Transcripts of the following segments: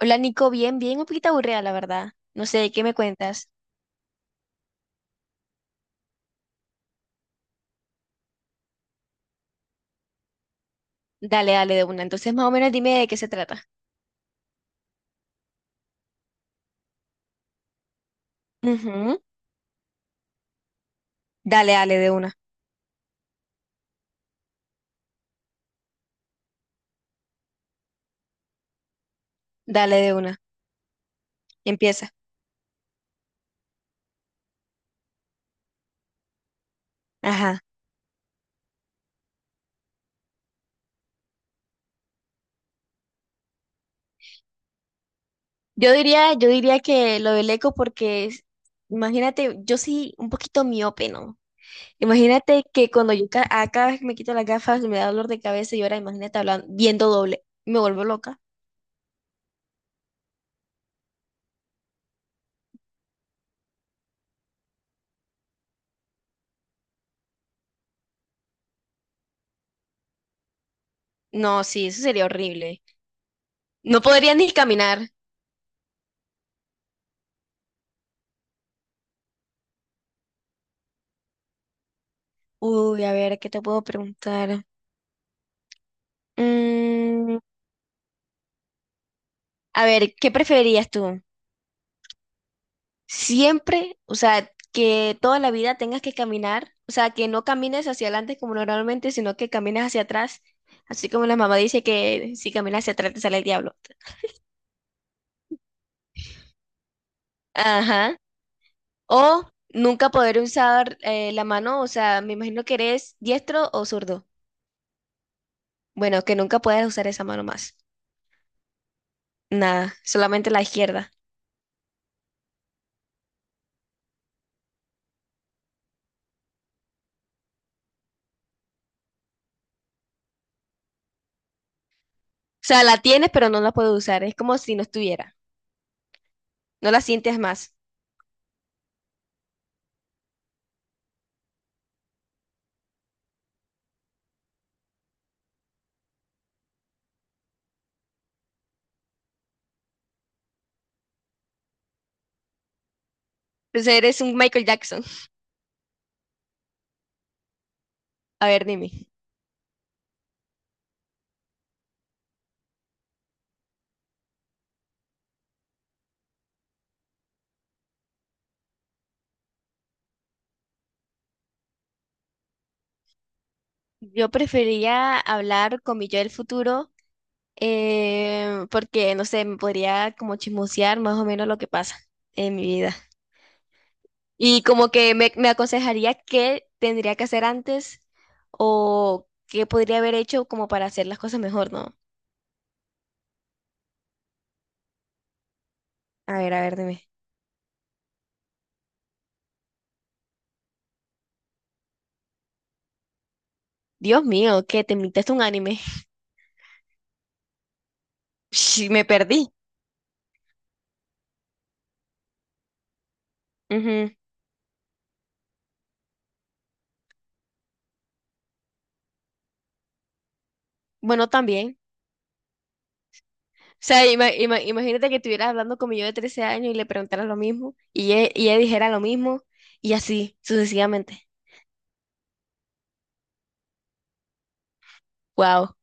Hola Nico, bien, bien, un poquito aburrida la verdad. No sé, ¿qué me cuentas? Dale, dale de una. Entonces más o menos dime de qué se trata. Ujú. Dale, dale de una. Dale de una. Empieza. Ajá. Yo diría que lo del eco imagínate, yo soy un poquito miope, ¿no? Imagínate que cuando a cada vez que me quito las gafas me da dolor de cabeza y ahora imagínate hablando, viendo doble. Me vuelvo loca. No, sí, eso sería horrible. No podría ni caminar. Uy, a ver, ¿qué te puedo preguntar? Mm, A ver, ¿qué preferirías tú? Siempre, o sea, que toda la vida tengas que caminar, o sea, que no camines hacia adelante como normalmente, sino que camines hacia atrás, así como la mamá dice que si caminas hacia atrás te sale el diablo. Ajá. O nunca poder usar la mano, o sea, me imagino que eres diestro o zurdo. Bueno, que nunca puedas usar esa mano más. Nada, solamente la izquierda. O sea, la tienes, pero no la puedes usar. Es como si no estuviera. No la sientes más. Entonces eres un Michael Jackson. A ver, dime. Yo preferiría hablar con mi yo del futuro porque, no sé, me podría como chismosear más o menos lo que pasa en mi vida. Y como que me aconsejaría qué tendría que hacer antes o qué podría haber hecho como para hacer las cosas mejor, ¿no? A ver, dime. Dios mío, ¿qué te invitaste un anime? Sí, me perdí. Ujú. Bueno, también. Sea, imagínate que estuvieras hablando como yo de 13 años y le preguntaras lo mismo y ella dijera lo mismo y así sucesivamente. Wow,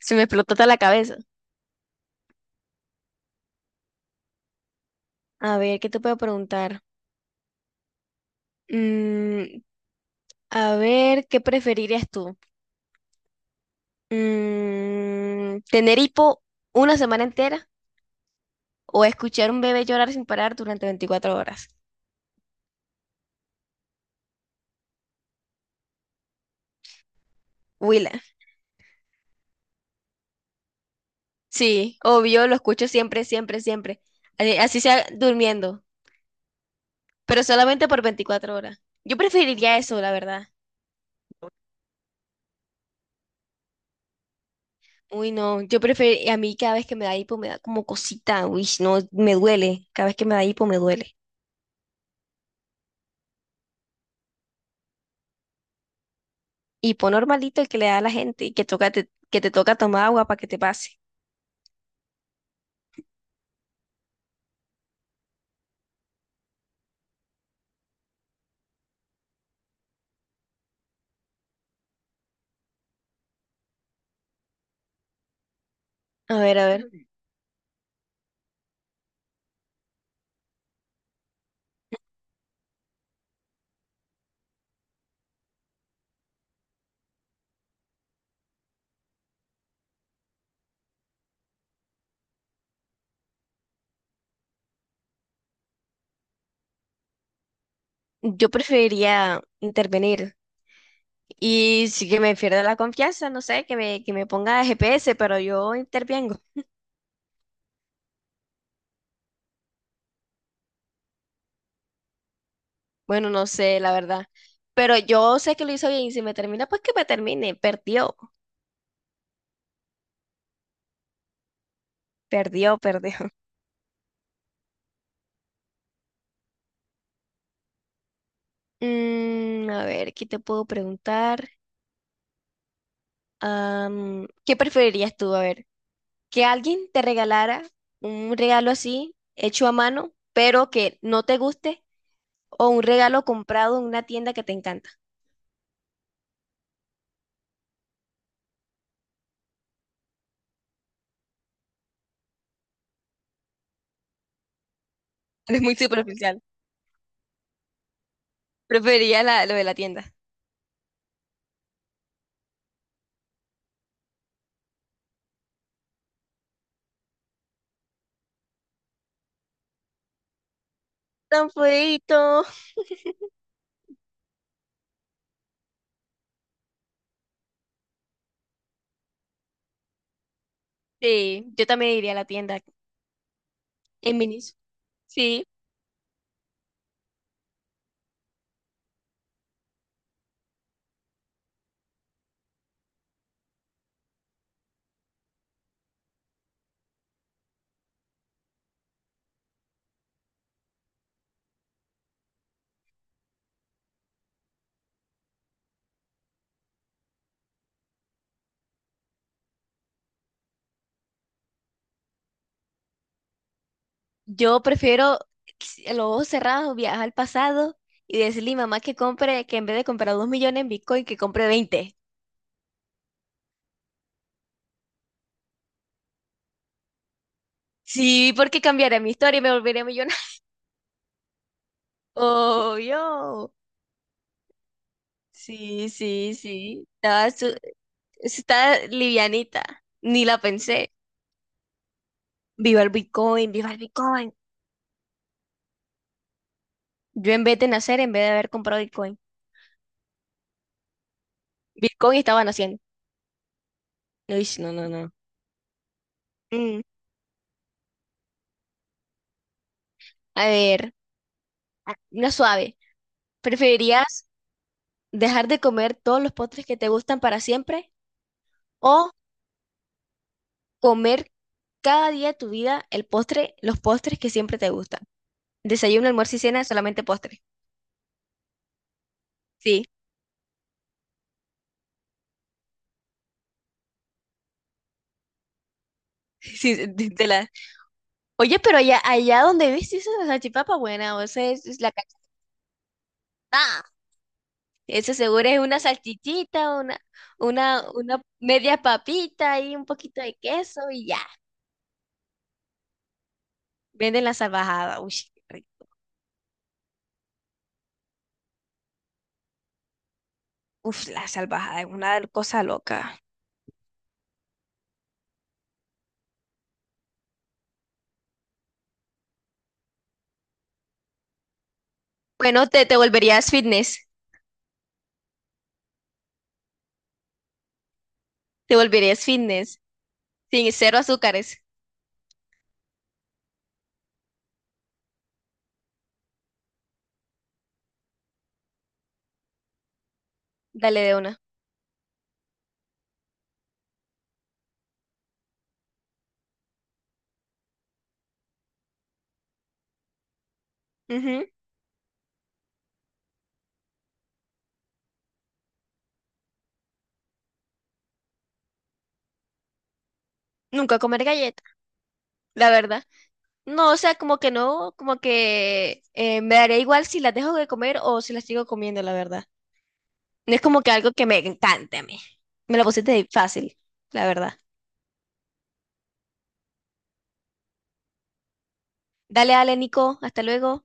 se me explotó toda la cabeza. A ver, ¿qué te puedo preguntar? Mm, a ver, ¿qué preferirías tú? ¿Tener hipo una semana entera o escuchar un bebé llorar sin parar durante 24 horas? Willa. Sí, obvio, lo escucho siempre, siempre, siempre. Así así sea durmiendo. Pero solamente por 24 horas. Yo preferiría eso, la verdad. Uy, no, yo prefiero, a mí cada vez que me da hipo me da como cosita, uy, no, me duele, cada vez que me da hipo me duele. Hipo normalito el que le da a la gente y que que te toca tomar agua para que te pase. A ver, yo preferiría intervenir y si que me pierda la confianza, no sé, que me ponga GPS, pero yo intervengo. Bueno, no sé, la verdad, pero yo sé que lo hizo bien y si me termina, pues que me termine, perdió, perdió, perdió. A ver, ¿qué te puedo preguntar? ¿Qué preferirías tú? A ver, que alguien te regalara un regalo así, hecho a mano, pero que no te guste, o un regalo comprado en una tienda que te encanta. Es muy superficial. Preferiría lo de la tienda. Tan feíto. Sí, yo también iría a la tienda en minis. Sí, yo prefiero los ojos cerrados, viajar al pasado y decirle a mi mamá que compre, que en vez de comprar 2 millones en Bitcoin, que compre 20. Sí, porque cambiaré mi historia y me volveré millonario. Oh, yo. Sí, sí, sí. Estaba, está livianita. Ni la pensé. Viva el Bitcoin, viva el Bitcoin. Yo en vez de nacer, en vez de haber comprado Bitcoin. Bitcoin estaba naciendo. Uy, no, no, no. Mm, a ver, ah, una suave. ¿Preferirías dejar de comer todos los postres que te gustan para siempre o comer cada día de tu vida el postre, los postres que siempre te gustan? Desayuno, almuerzo y cena, solamente postre. Sí, sí, de la... Oye, pero allá, allá donde viste esa salchipapa buena, o sea, es la cachetada. Eso seguro es una salchichita, una media papita y un poquito de queso y ya. Venden la salvajada. Uy, qué rico. Uf, la salvajada es una cosa loca. Bueno, te volverías fitness. Te volverías fitness. Sin cero azúcares. Dale de una. Ujú. Nunca comer galleta, la verdad. No, o sea, como que no, como que me daría igual si las dejo de comer o si las sigo comiendo, la verdad. No es como que algo que me encante a mí. Me lo pusiste fácil, la verdad. Dale, dale, Nico, hasta luego.